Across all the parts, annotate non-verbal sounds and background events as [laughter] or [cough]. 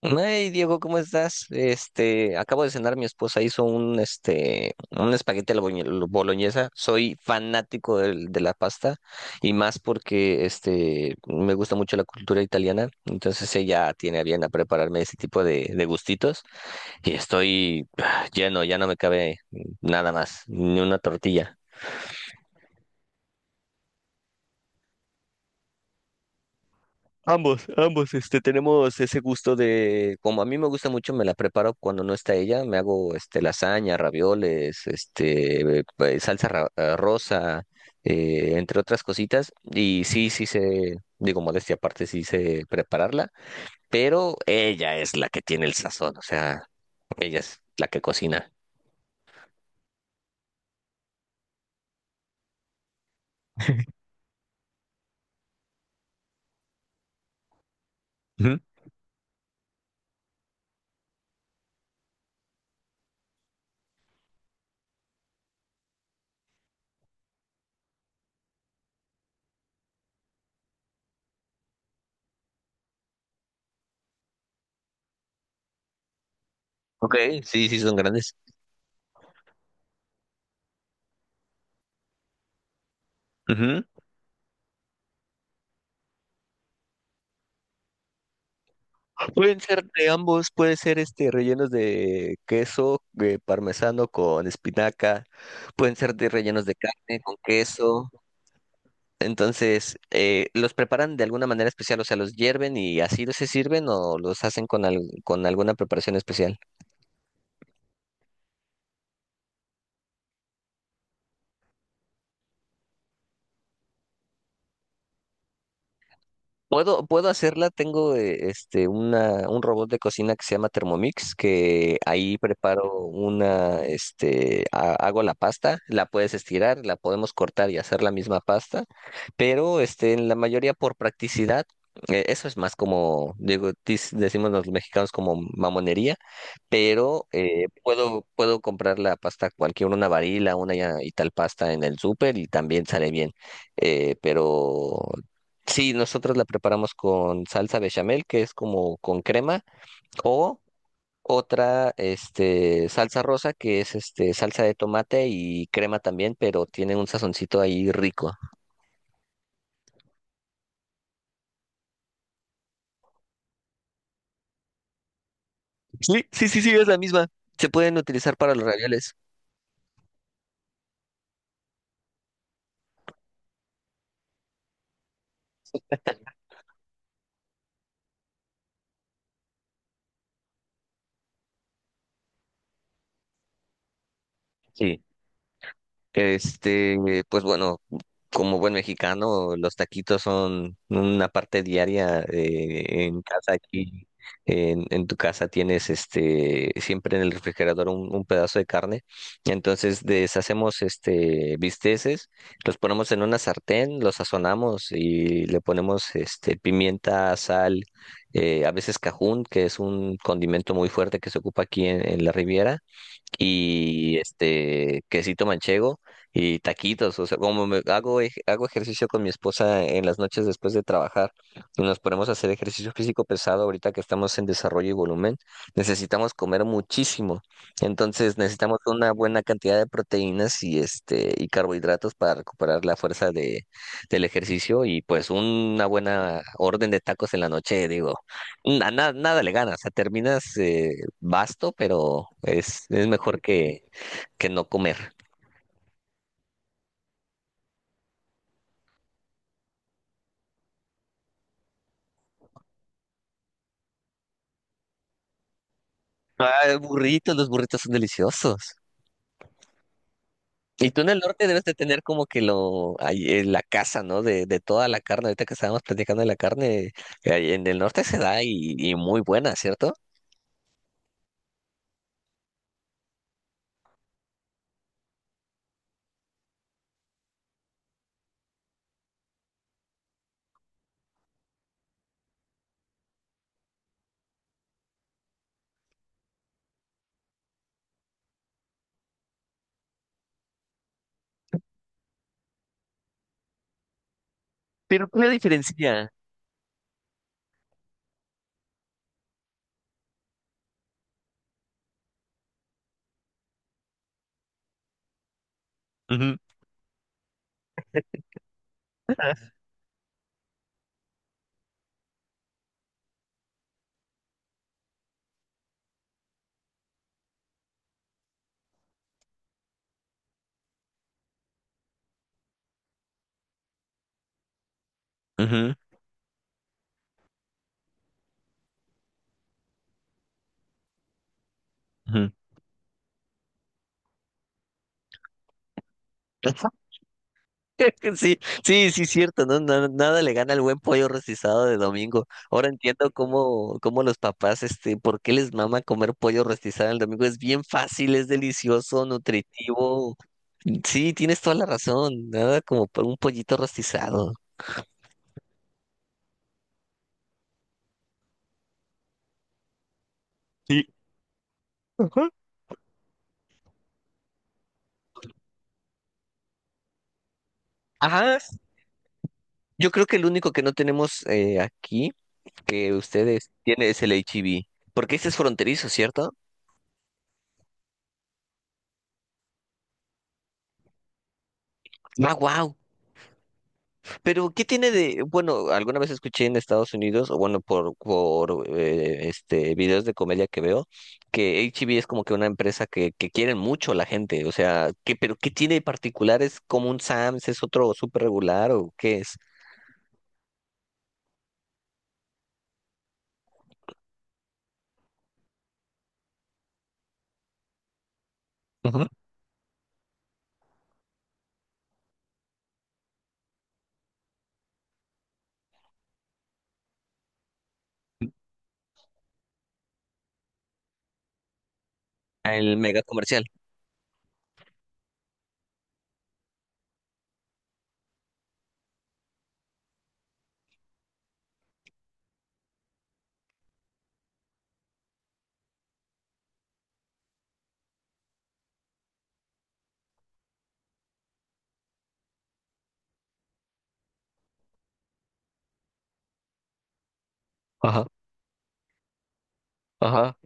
Hey Diego, ¿cómo estás? Acabo de cenar, mi esposa hizo un un espagueti a la boloñesa. Soy fanático de la pasta y más porque me gusta mucho la cultura italiana. Entonces ella tiene a bien a prepararme ese tipo de gustitos y estoy lleno, ya no me cabe nada más, ni una tortilla. Ambos, ambos, tenemos ese gusto de, como a mí me gusta mucho, me la preparo cuando no está ella, me hago, lasaña, ravioles, salsa rosa, entre otras cositas, y sí, sí sé, digo, modestia aparte, sí sé prepararla, pero ella es la que tiene el sazón, o sea, ella es la que cocina. Ujú. Ok, sí, sí son grandes. Pueden ser de ambos, puede ser rellenos de queso, de parmesano con espinaca, pueden ser de rellenos de carne con queso. Entonces, los preparan de alguna manera especial, o sea, los hierven y así se sirven o los hacen con con alguna preparación especial. Puedo hacerla, tengo un robot de cocina que se llama Thermomix, que ahí preparo hago la pasta, la puedes estirar, la podemos cortar y hacer la misma pasta, pero en la mayoría por practicidad, eso es más como, digo, decimos los mexicanos como mamonería, pero puedo comprar la pasta cualquier, una varila, y tal pasta en el súper y también sale bien. Pero sí, nosotros la preparamos con salsa bechamel, que es como con crema, o otra, salsa rosa, que es salsa de tomate y crema también, pero tiene un sazoncito ahí rico. Sí, sí, sí, sí, es la misma. Se pueden utilizar para los ravioles. Sí. Este, pues bueno, como buen mexicano, los taquitos son una parte diaria en casa aquí. En tu casa tienes siempre en el refrigerador un pedazo de carne. Entonces deshacemos bisteces, los ponemos en una sartén, los sazonamos y le ponemos pimienta, sal, a veces cajún, que es un condimento muy fuerte que se ocupa aquí en la Riviera y este quesito manchego y taquitos, o sea, como hago ejercicio con mi esposa en las noches después de trabajar y nos ponemos a hacer ejercicio físico pesado ahorita que estamos en desarrollo y volumen, necesitamos comer muchísimo. Entonces necesitamos una buena cantidad de proteínas y y carbohidratos para recuperar la fuerza del ejercicio y pues una buena orden de tacos en la noche, digo, nada le ganas, o sea, terminas vasto, pero es mejor que, no comer. Ah, burritos, los burritos son deliciosos. Y tú en el norte debes de tener como que lo, ahí, la casa, ¿no? De toda la carne. Ahorita que estábamos platicando de la carne, en el norte se da y muy buena, ¿cierto? Pero ¿qué la diferencia? Ujú, ujú, ujú. [laughs] Sí, sí, sí, cierto, ¿no? Nada le gana el buen pollo rostizado de domingo. Ahora entiendo cómo los papás, por qué les mama comer pollo rostizado el domingo. Es bien fácil, es delicioso, nutritivo. Sí, tienes toda la razón. Nada como para un pollito rostizado. Sí. Ajá. Ajá. Yo creo que el único que no tenemos aquí que ustedes tienen es el H-E-B. Porque ese es fronterizo, ¿cierto? Ah, wow. Pero, ¿qué tiene de...? Bueno, alguna vez escuché en Estados Unidos, o bueno, por videos de comedia que veo, que H-E-B es como que una empresa que quieren mucho la gente. O sea, ¿qué, pero qué tiene de particular? ¿Es como un Sam's? ¿Es otro súper regular o qué es? Ujú. El mega comercial. Ajá, ajá.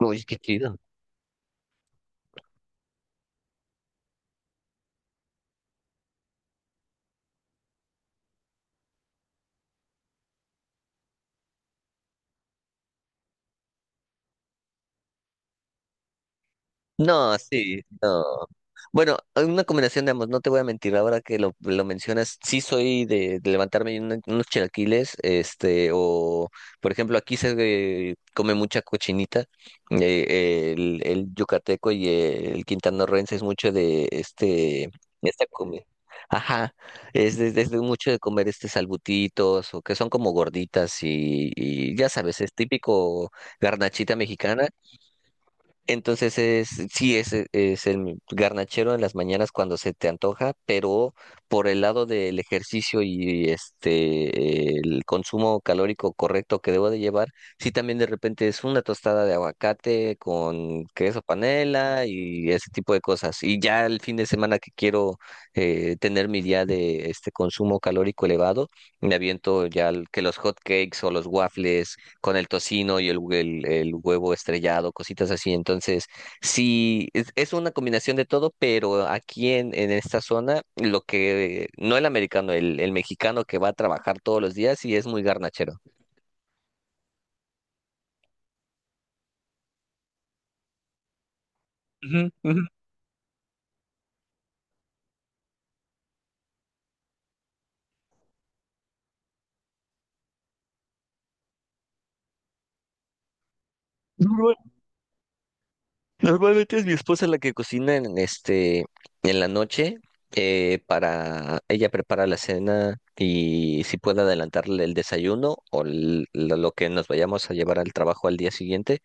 Uy, qué chido. No, sí, no. Bueno, hay una combinación de ambos, no te voy a mentir, ahora que lo mencionas, sí soy de levantarme y unos chilaquiles, o por ejemplo aquí se come mucha cochinita, el yucateco y el quintanarroense es mucho de esta comida. Ajá, es de mucho de comer salbutitos o que son como gorditas y ya sabes, es típico garnachita mexicana entonces sí, es el garnachero en las mañanas cuando se te antoja, pero por el lado del ejercicio y el consumo calórico correcto que debo de llevar, sí también de repente es una tostada de aguacate con queso panela y ese tipo de cosas. Y ya el fin de semana que quiero tener mi día de consumo calórico elevado, me aviento ya que los hot cakes o los waffles con el tocino y el huevo estrellado, cositas así. Entonces, sí, es una combinación de todo, pero aquí en esta zona, lo que, no el americano, el mexicano que va a trabajar todos los días y es muy garnachero. Normal- normalmente es mi esposa la que cocina en en la noche. Para ella prepara la cena y si puede adelantarle el desayuno o lo que nos vayamos a llevar al trabajo al día siguiente.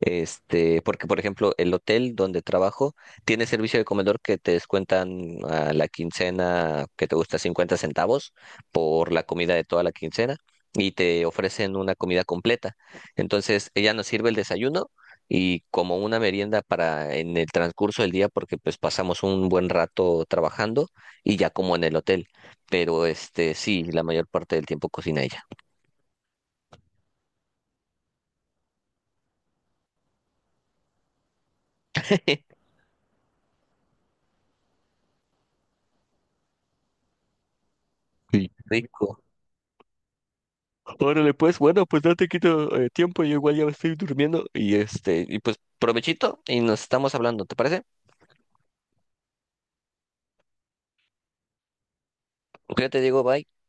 Porque por ejemplo, el hotel donde trabajo tiene servicio de comedor que te descuentan a la quincena que te gusta 50 centavos por la comida de toda la quincena y te ofrecen una comida completa. Entonces, ella nos sirve el desayuno y como una merienda para en el transcurso del día porque pues pasamos un buen rato trabajando y ya como en el hotel. Pero sí, la mayor parte del tiempo cocina ella. [laughs] Sí. Rico. Órale, pues, bueno, pues no te quito tiempo, yo igual ya estoy durmiendo y y pues provechito y nos estamos hablando, ¿te parece? Ok, te digo, bye.